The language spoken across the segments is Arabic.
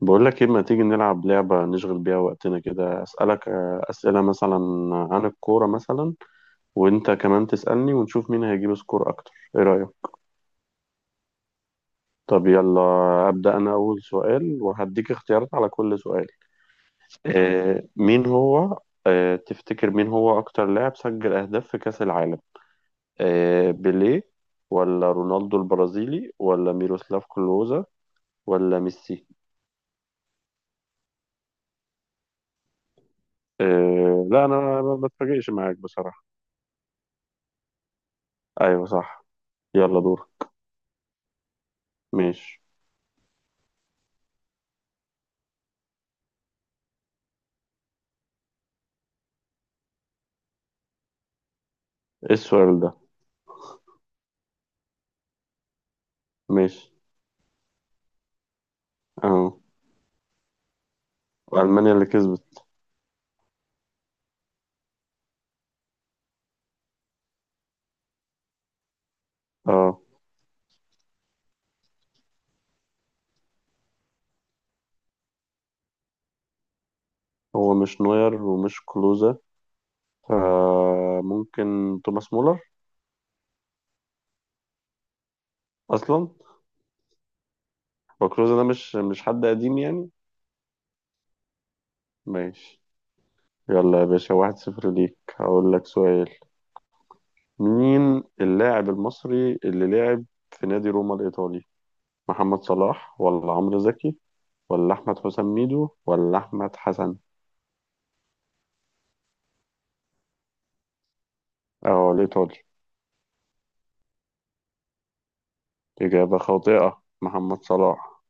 بقول لك ايه، ما تيجي نلعب لعبة نشغل بيها وقتنا كده. أسألك أسئلة مثلا عن الكورة مثلا، وانت كمان تسألني ونشوف مين هيجيب سكور اكتر. ايه رأيك؟ طب يلا، أبدأ انا اول سؤال وهديك اختيارات على كل سؤال. آه مين هو آه، تفتكر مين هو اكتر لاعب سجل اهداف في كأس العالم؟ آه، بيليه ولا رونالدو البرازيلي ولا ميروسلاف كلوزا ولا ميسي؟ آه لا انا ما بتفاجئش معاك بصراحة. ايوه صح. يلا دور. ماشي. ايه السؤال ده؟ ماشي. اه، ألمانيا اللي كسبت. اه، هو مش نوير ومش كلوزا، فممكن توماس مولر. اصلا هو كلوزا ده مش حد قديم يعني؟ ماشي. يلا يا باشا، واحد صفر ليك. هقول لك سؤال. مين اللاعب المصري اللي لعب في نادي روما الإيطالي؟ محمد صلاح ولا عمرو زكي ولا أحمد حسام ميدو ولا أحمد حسن؟ اه الإيطالي. إجابة خاطئة، محمد صلاح.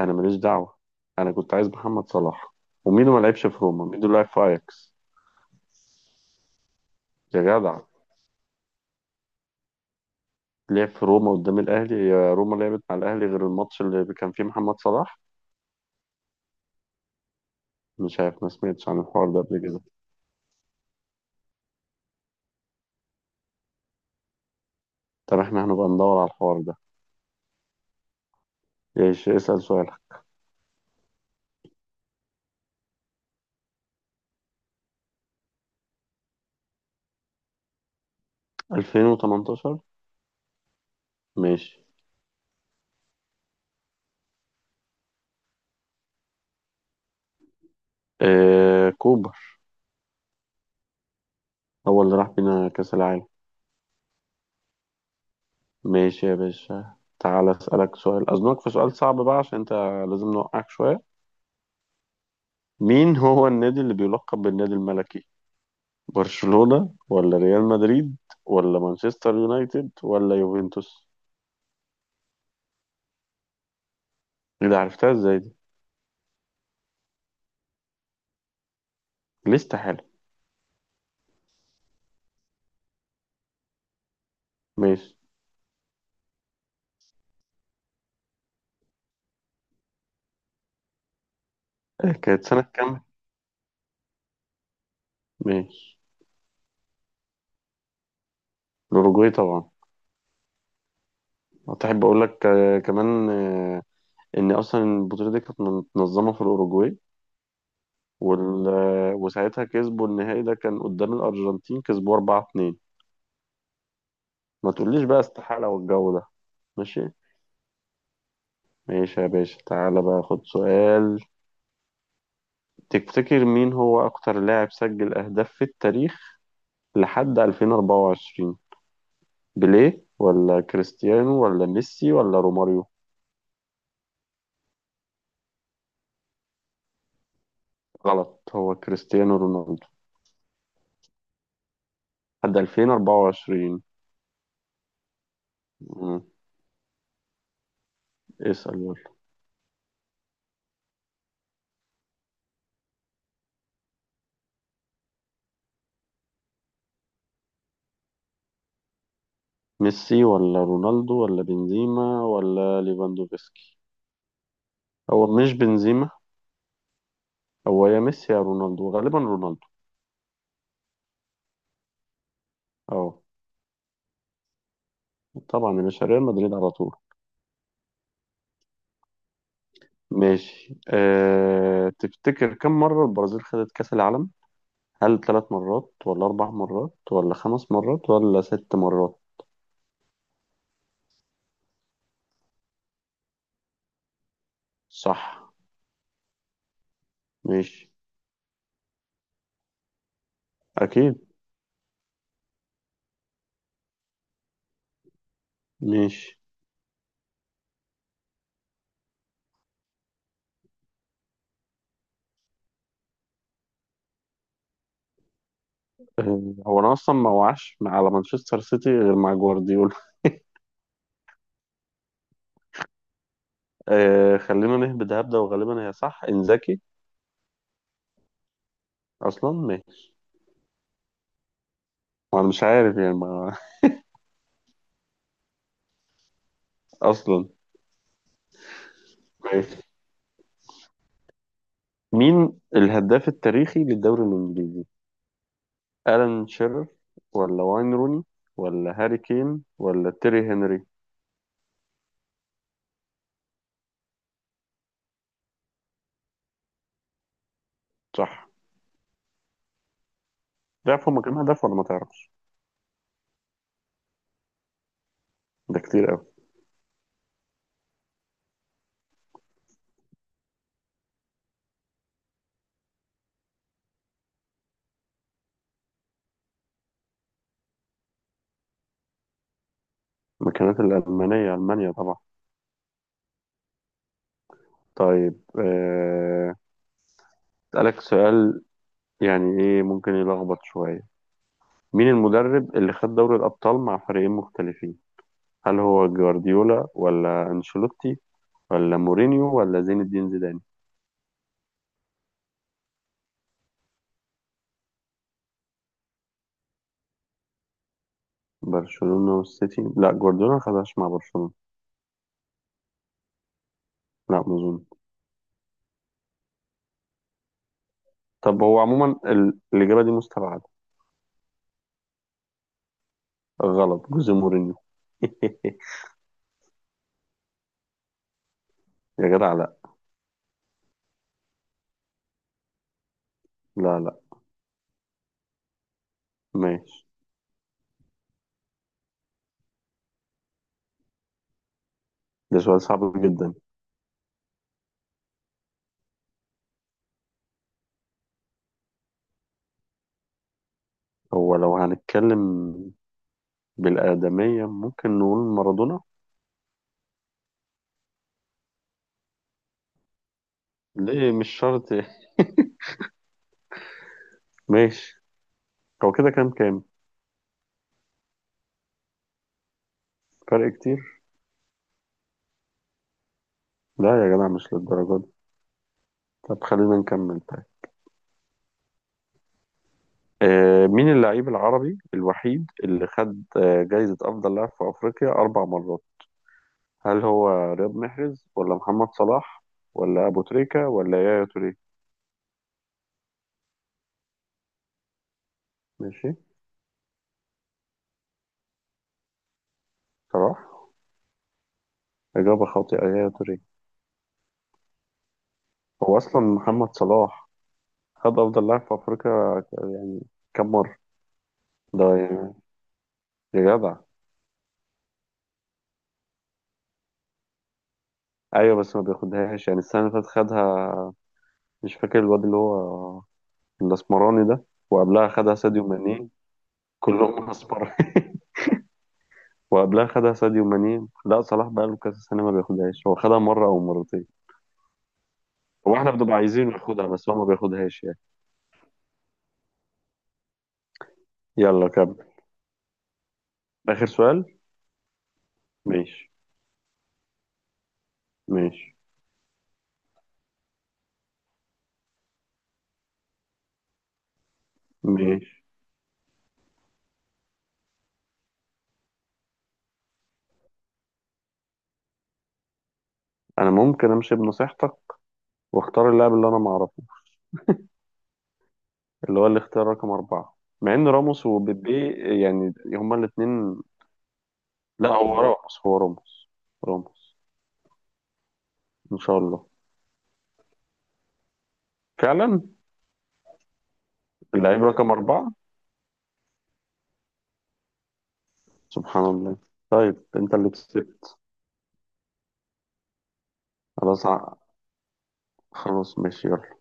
انا ماليش دعوه، انا كنت عايز محمد صلاح. وميدو ما لعبش في روما، ميدو لعب في اياكس. يا جدع، لعب في روما قدام الاهلي؟ يا روما لعبت مع الاهلي غير الماتش اللي كان فيه محمد صلاح؟ مش عارف، ما سمعتش عن الحوار ده قبل كده. طب احنا هنبقى ندور على الحوار ده. ايش، اسال سؤالك. 2018. ماشي. آه كوبر. هو اللي راح بينا كاس العالم. ماشي يا باشا، تعال اسالك سؤال. اظنك في سؤال صعب بقى، عشان انت لازم نوقعك شويه. مين هو النادي اللي بيلقب بالنادي الملكي؟ برشلونة ولا ريال مدريد ولا مانشستر يونايتد ولا يوفنتوس؟ ايه ده، عرفتها ازاي دي؟ لسه حلو. ماشي. كانت سنة كام؟ ماشي. الأوروجواي طبعا. أحب أقول لك كمان إن أصلا البطولة دي كانت متنظمة في الأوروجواي. وال... آه، وساعتها كسبوا، النهائي ده كان قدام الأرجنتين، كسبوا 4-2. ما تقوليش بقى استحالة والجو ده. ماشي. ماشي يا باشا، تعالى بقى خد سؤال. تفتكر مين هو أكتر لاعب سجل أهداف في التاريخ لحد 2024؟ بيليه ولا كريستيانو ولا ميسي ولا روماريو؟ غلط، هو كريستيانو رونالدو. لحد 2024. مم. اسأل يلا. ميسي ولا رونالدو ولا بنزيما ولا ليفاندوفسكي. هو مش بنزيما، هو يا ميسي يا رونالدو، غالبا رونالدو. اه. طبعا يا باشا، ريال مدريد على طول. ماشي. تفتكر كم مرة البرازيل خدت كأس العالم؟ هل ثلاث مرات ولا أربع مرات ولا خمس مرات ولا ست مرات؟ صح. ماشي. اكيد. ماشي. هو انا اصلا ما وعش مع- على مانشستر سيتي غير مع جوارديولا. آه خلينا نهبد هبده، وغالبا هي صح انزاكي. اصلا ماشي. وانا مش عارف يعني ما. اصلا. ماشي. مين الهداف التاريخي للدوري الانجليزي؟ الان شيرر ولا واين روني ولا هاري كين ولا تيري هنري؟ صح. تعرف هما كام هدف ولا ما تعرفش؟ ده كتير قوي. المكانات الالمانيه، المانيا طبعا. طيب، أسألك سؤال، يعني ايه ممكن يلخبط شوية. مين المدرب اللي خد دوري الأبطال مع فريقين مختلفين؟ هل هو جوارديولا ولا أنشيلوتي ولا مورينيو ولا زين الدين زيدان؟ برشلونة والسيتي؟ لا، جوارديولا ما خدهاش مع برشلونة. لا ما أظن. طب هو عموما الإجابة دي مستبعدة. غلط، جوزيه مورينيو. يا جدع لا. لا لا. ماشي. ده سؤال صعب جدا. هو لو هنتكلم بالآدمية ممكن نقول مارادونا. ليه، مش شرط. ماشي. هو كده كام كام؟ فرق كتير؟ لا يا جدع مش للدرجة دي. طب خلينا نكمل طيب. آه، مين اللاعب العربي الوحيد اللي خد آه، جايزة أفضل لاعب في أفريقيا أربع مرات؟ هل هو رياض محرز ولا محمد صلاح ولا أبو تريكة ولا يايا توريه؟ ماشي. صلاح. إجابة خاطئة، يايا توريه. هو أصلا محمد صلاح خد أفضل لاعب في أفريقيا كم مرة؟ ده يا، يا جدع. أيوة بس ما بياخدهاش يعني، السنة اللي فاتت خدها مش فاكر الواد اللي هو الأسمراني ده، وقبلها خدها ساديو ماني. كلهم اصفر. وقبلها خدها ساديو ماني. لا صلاح بقاله كذا سنه ما بياخدهاش، هو خدها مره او مرتين. هو احنا بنبقى عايزينه ياخدها بس هو ما بياخدهاش يعني. يلا كمل اخر سؤال. ماشي. ماشي. ماشي. انا ممكن امشي بنصيحتك، واختار اللاعب اللي انا ما اعرفه، اللي هو الاختيار رقم اربعه. مع ان راموس وبيبي يعني هما الاثنين. لا هو راموس، هو راموس. راموس. ان شاء الله. فعلا. اللعيب رقم اربعه. سبحان الله. طيب انت اللي كسبت. خلاص ع- خلاص ماشي يلا.